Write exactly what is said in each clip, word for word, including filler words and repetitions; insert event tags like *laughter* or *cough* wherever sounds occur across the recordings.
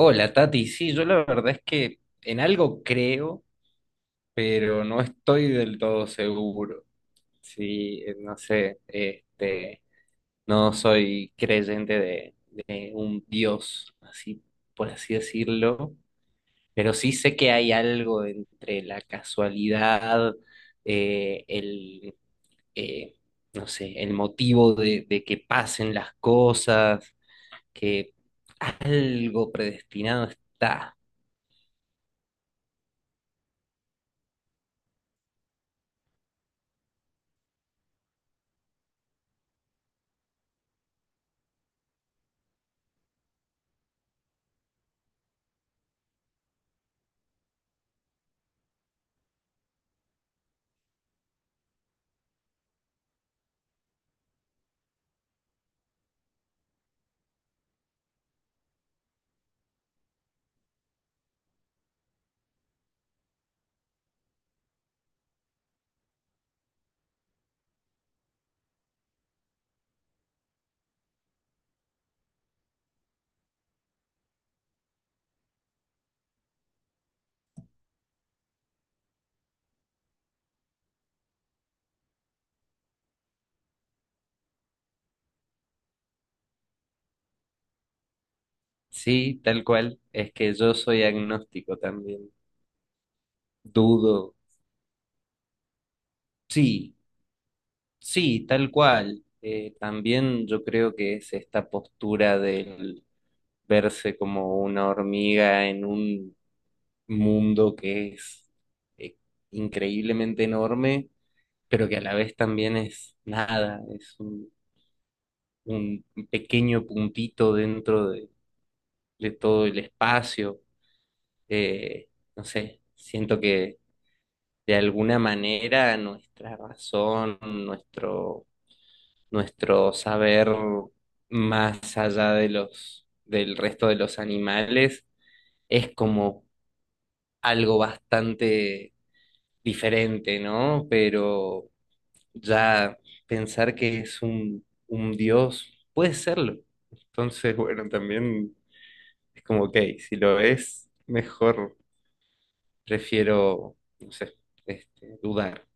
Hola Tati, sí, yo la verdad es que en algo creo, pero no estoy del todo seguro. Sí, eh, no sé, este, no soy creyente de, de un Dios, así por así decirlo, pero sí sé que hay algo entre la casualidad, eh, el, eh, no sé, el motivo de, de que pasen las cosas, que algo predestinado está. Sí, tal cual. Es que yo soy agnóstico también. Dudo. Sí, sí, tal cual. Eh, también yo creo que es esta postura del verse como una hormiga en un mundo que es eh, increíblemente enorme, pero que a la vez también es nada, es un, un pequeño puntito dentro de, de todo el espacio. Eh, no sé, siento que de alguna manera nuestra razón, nuestro, nuestro saber más allá de los, del resto de los animales, es como algo bastante diferente, ¿no? Pero ya pensar que es un, un dios, puede serlo. Entonces, bueno, también es como, ok, si lo es, mejor prefiero, no sé, este, dudar.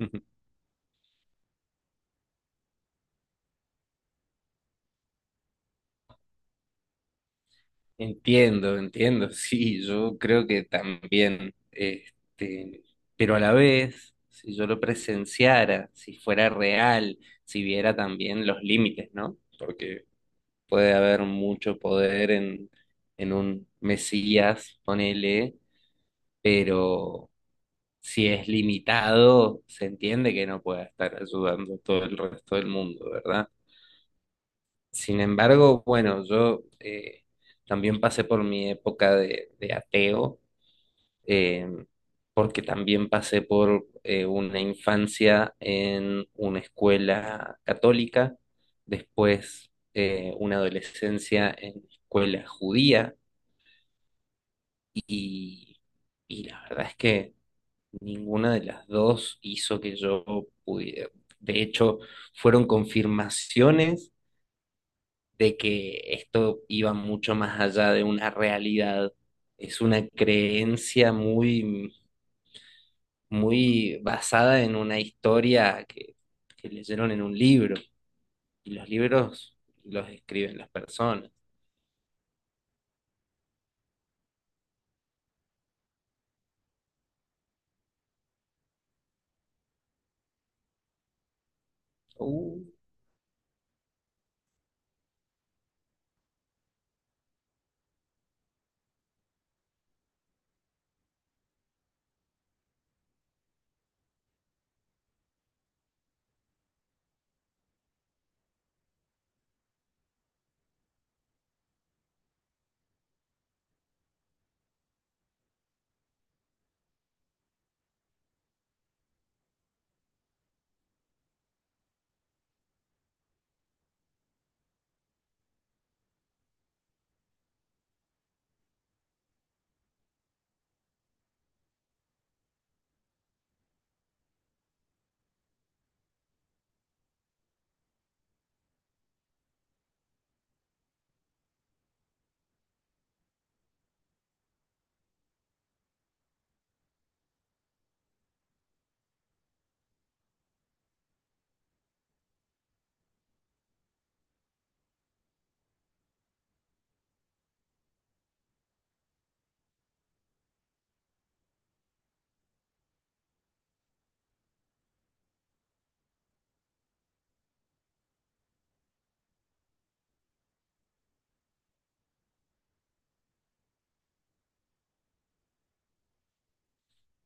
*laughs* Entiendo, entiendo, *laughs* sí, yo creo que también, este, pero a la vez, si yo lo presenciara, si fuera real, si viera también los límites, ¿no? Porque puede haber mucho poder en, en un Mesías, ponele, pero si es limitado, se entiende que no pueda estar ayudando a todo el resto del mundo, ¿verdad? Sin embargo, bueno, yo eh, también pasé por mi época de de ateo eh, porque también pasé por eh, una infancia en una escuela católica, después eh, una adolescencia en escuela judía y, y la verdad es que ninguna de las dos hizo que yo pudiera. De hecho, fueron confirmaciones de que esto iba mucho más allá de una realidad. Es una creencia muy muy basada en una historia que, que leyeron en un libro. Y los libros los escriben las personas. Uh,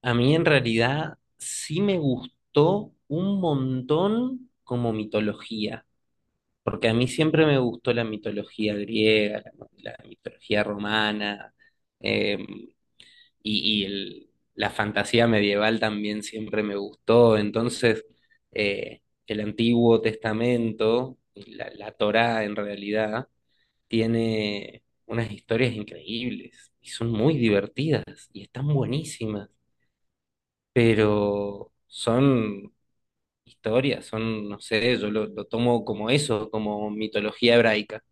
A mí en realidad sí me gustó un montón como mitología, porque a mí siempre me gustó la mitología griega, la, la mitología romana. eh, y, y el- la fantasía medieval también siempre me gustó. Entonces, eh, el Antiguo Testamento, la, la Torá en realidad, tiene unas historias increíbles y son muy divertidas y están buenísimas, pero son historias, son, no sé, yo lo, lo tomo como eso, como mitología hebraica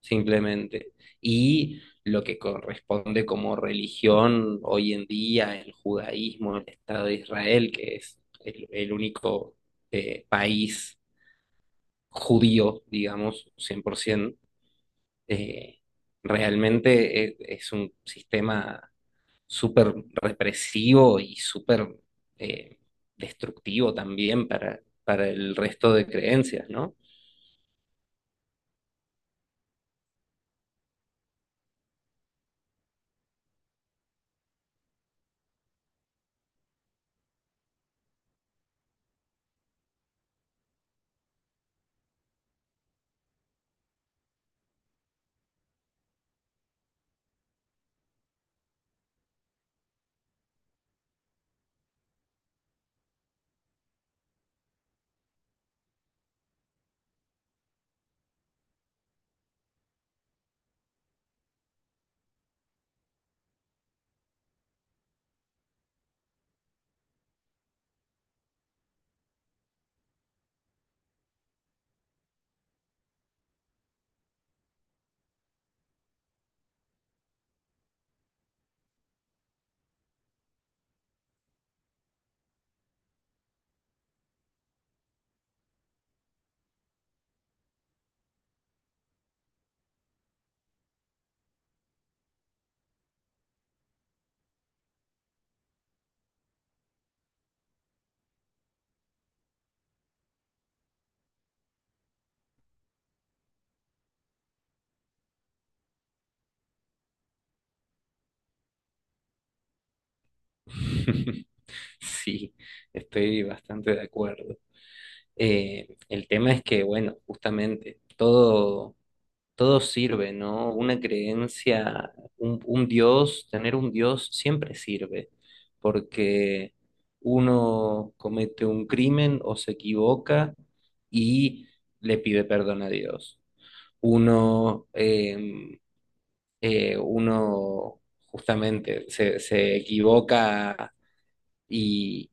simplemente. Y lo que corresponde como religión hoy en día, el judaísmo, el Estado de Israel, que es el, el único eh, país judío, digamos, cien por ciento, eh, realmente e- es, un sistema súper represivo y súper eh, destructivo también para, para el resto de creencias, ¿no? *laughs* Sí, estoy bastante de acuerdo. Eh, el tema es que, bueno, justamente todo, todo sirve, ¿no? Una creencia, un, un Dios, tener un Dios siempre sirve, porque uno comete un crimen o se equivoca y le pide perdón a Dios. Uno, eh, eh, uno justamente se, se equivoca y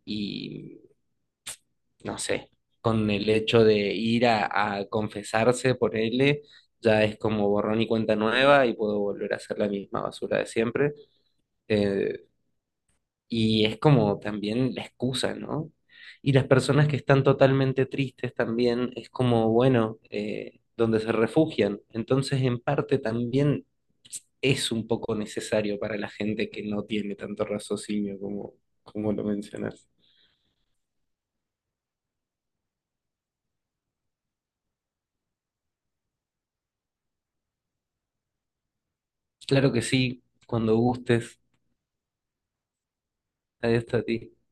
no sé, con el hecho de ir a, a confesarse por él, ya es como borrón y cuenta nueva y puedo volver a hacer la misma basura de siempre. Eh, y es como también la excusa, ¿no? Y las personas que están totalmente tristes también es como, bueno, eh, donde se refugian. Entonces, en parte también es un poco necesario para la gente que no tiene tanto raciocinio como, como lo mencionas. Claro que sí, cuando gustes, ahí está a ti.